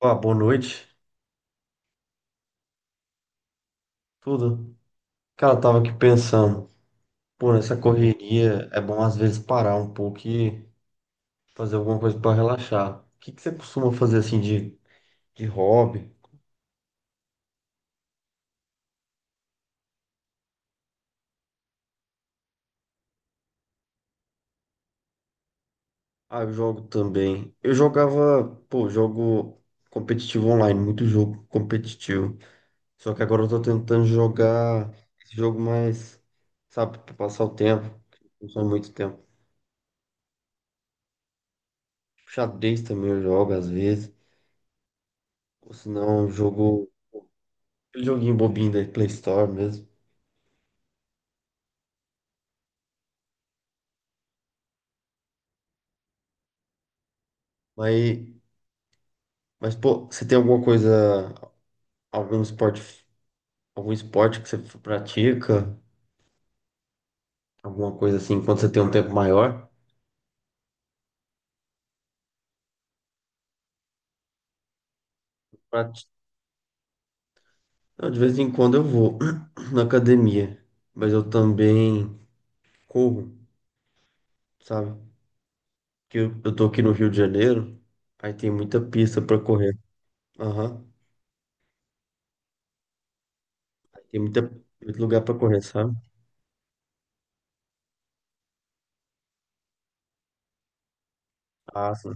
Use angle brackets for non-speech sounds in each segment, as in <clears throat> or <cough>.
Ó, boa noite, tudo? Cara, eu tava aqui pensando, pô, nessa correria é bom às vezes parar um pouco e fazer alguma coisa pra relaxar. O que que você costuma fazer assim de hobby? Ah, eu jogo também. Eu jogava, pô, jogo competitivo online, muito jogo competitivo. Só que agora eu tô tentando jogar esse jogo mais, sabe, pra passar o tempo, que não consome muito tempo. Xadrez também eu jogo às vezes, ou senão eu jogo aquele joguinho bobinho da Play Store mesmo. Mas, mas pô, você tem alguma coisa, algum esporte, algum esporte que você pratica? Alguma coisa assim, quando você tem um tempo maior? Prati- Eu, de vez em quando eu vou <clears throat> na academia, mas eu também corro, sabe? Porque eu tô aqui no Rio de Janeiro, aí tem muita pista pra correr. Aham. Tem muita, muito lugar pra correr, sabe? Ah, sim.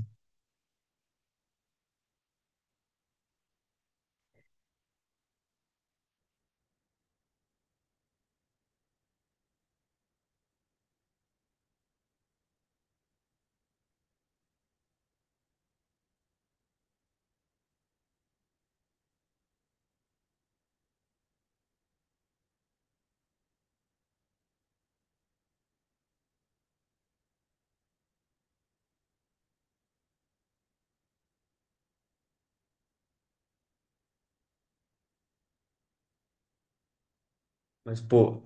Mas, pô,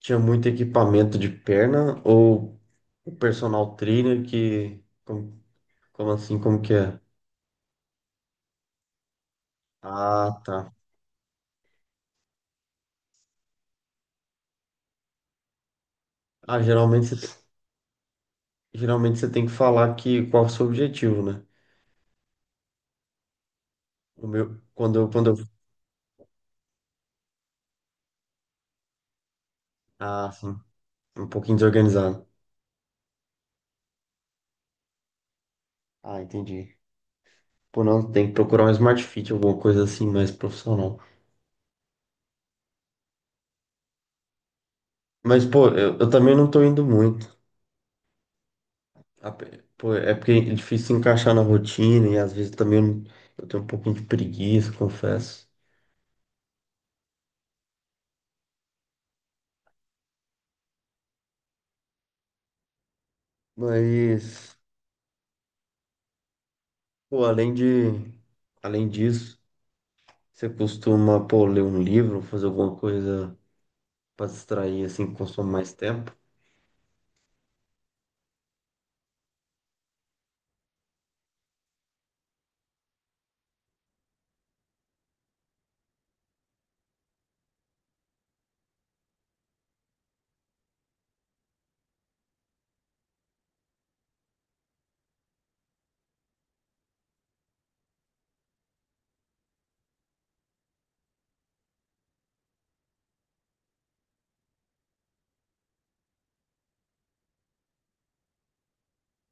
tinha muito equipamento de perna ou o personal trainer que. Como assim? Como que é? Ah, tá. Ah, geralmente você, geralmente você tem que falar que qual é o seu objetivo, né? O meu, quando eu, sim, um pouquinho desorganizado. Ah, entendi. Pô, não, tem que procurar um Smart Fit, alguma coisa assim mais profissional. Mas, pô, eu também não tô indo muito. Pô, é porque é difícil encaixar na rotina e às vezes também eu, eu tenho um pouquinho de preguiça, confesso. Mas, pô, além de, Além disso, você costuma, pô, ler um livro, fazer alguma coisa para distrair, assim, que consome mais tempo?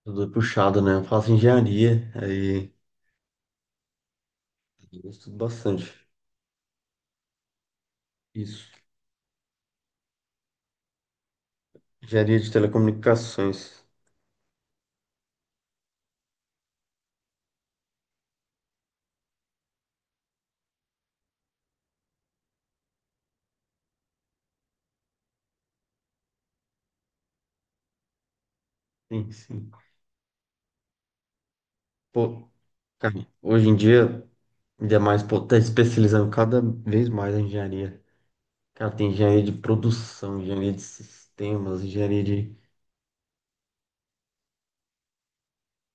Tudo é puxado, né? Eu faço engenharia, aí eu estudo bastante. Isso. Engenharia de telecomunicações. Sim, sim. Pô, cara, hoje em dia, ainda mais, pô, tá especializando cada vez mais a engenharia. Cara, tem engenharia de produção, engenharia de sistemas, engenharia de...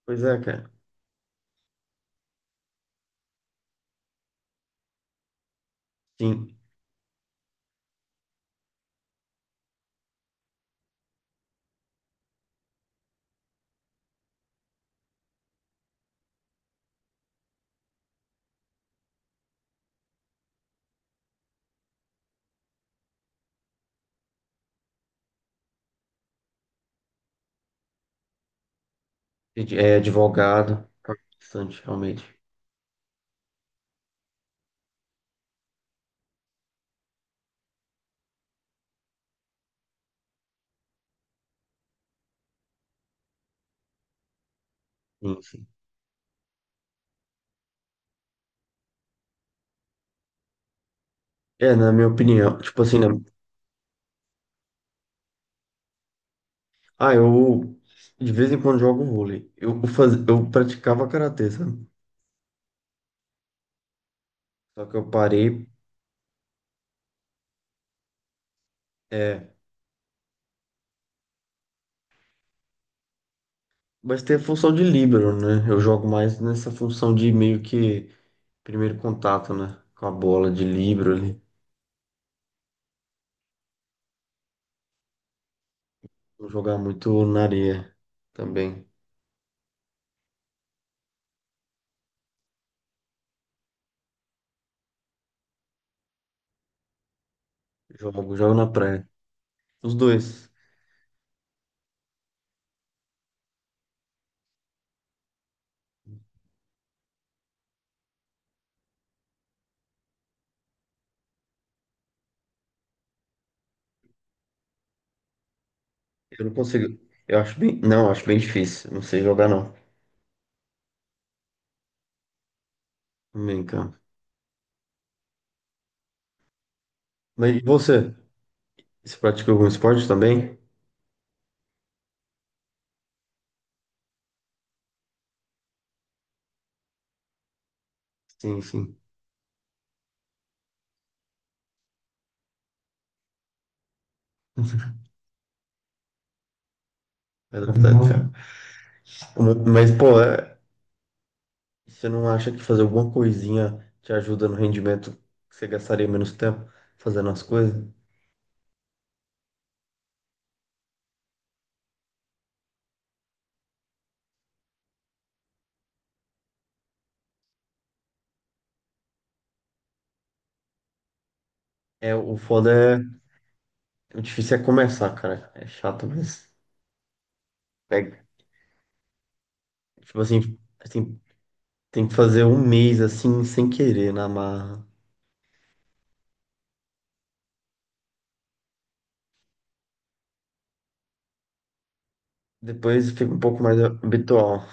Pois é, cara. Sim, é advogado. Tá bastante, realmente. Sim. É, na minha opinião, tipo assim, né? Ah, eu de vez em quando jogo vôlei. Eu, faz... eu praticava karatê, sabe? Só que eu parei. É... Mas tem a função de líbero, né? Eu jogo mais nessa função de meio que primeiro contato, né? Com a bola de líbero ali. Vou jogar muito na areia também. Jogo, jogo na praia. Os dois. Eu não consigo. Eu acho bem difícil. Não sei jogar, não. Bem, cara. Mas e você? Você pratica algum esporte também? Sim, sim. <laughs> É verdade, cara. Mas, pô, é. E você não acha que fazer alguma coisinha te ajuda no rendimento que você gastaria menos tempo fazendo as coisas? É, o foda é. O difícil é começar, cara. É chato, mas pega. Tipo assim, tem que fazer um mês assim, sem querer, na marra. Depois fica um pouco mais habitual.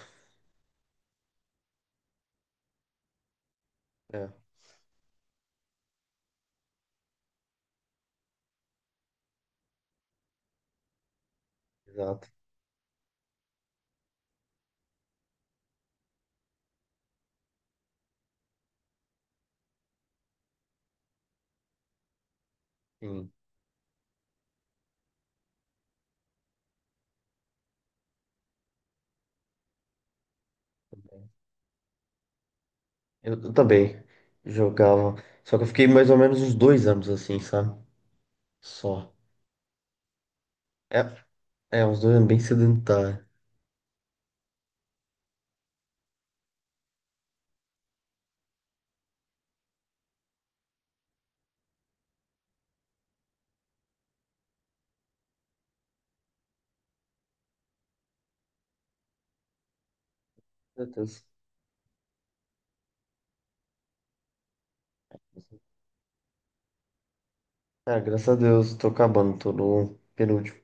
É, exato. Sim. Eu também jogava. Só que eu fiquei mais ou menos uns dois anos assim, sabe? Só. É, é uns dois anos bem sedentário. Meu Deus. Cara, graças a Deus, tô acabando, tô no penúltimo.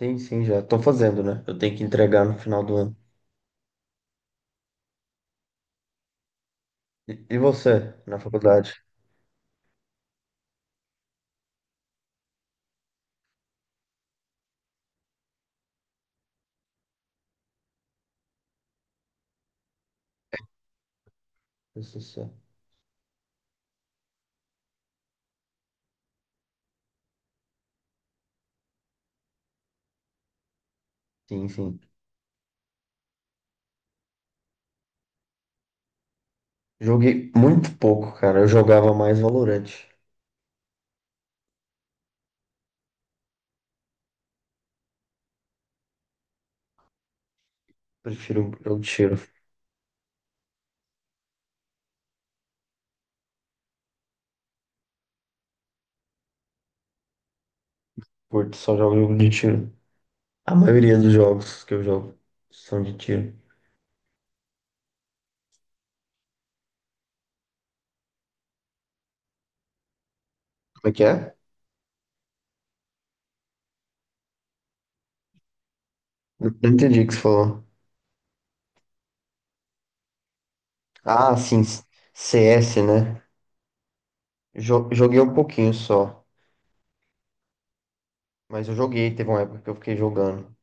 Sim, sim, já tô fazendo, né? Eu tenho que entregar no final do ano. E você, na faculdade? TCC. Sim, sim. Joguei muito pouco, cara. Eu jogava mais Valorant. Prefiro jogo de tiro. Curto só jogo jogo de tiro. A maioria dos jogos que eu jogo são de tiro. Como é que é? Não não entendi o que você falou. Ah, sim, CS, né? Joguei um pouquinho só. Mas eu joguei, teve uma época que eu fiquei jogando.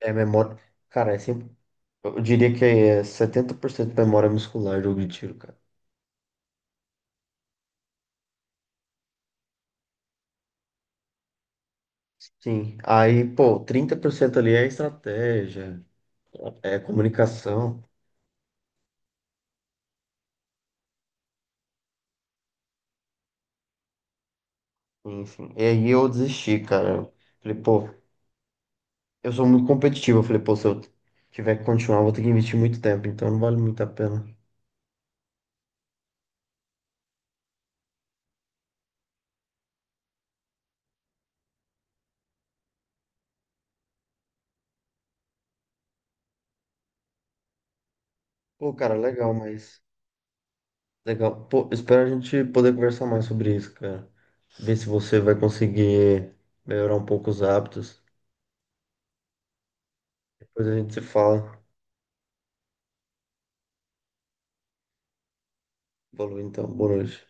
É memória. Cara, é eu diria que é 70% memória muscular jogo de tiro, cara. Sim. Aí, pô, 30% ali é estratégia, é comunicação, enfim. E aí eu desisti, cara. Eu falei, pô, eu sou muito competitivo. Eu falei, pô, se eu tiver que continuar, eu vou ter que investir muito tempo, então não vale muito a pena. Pô, cara, legal, mas. Legal. Pô, espero a gente poder conversar mais sobre isso, cara. Ver se você vai conseguir melhorar um pouco os hábitos. Depois a gente se fala. Falou, então, boa noite.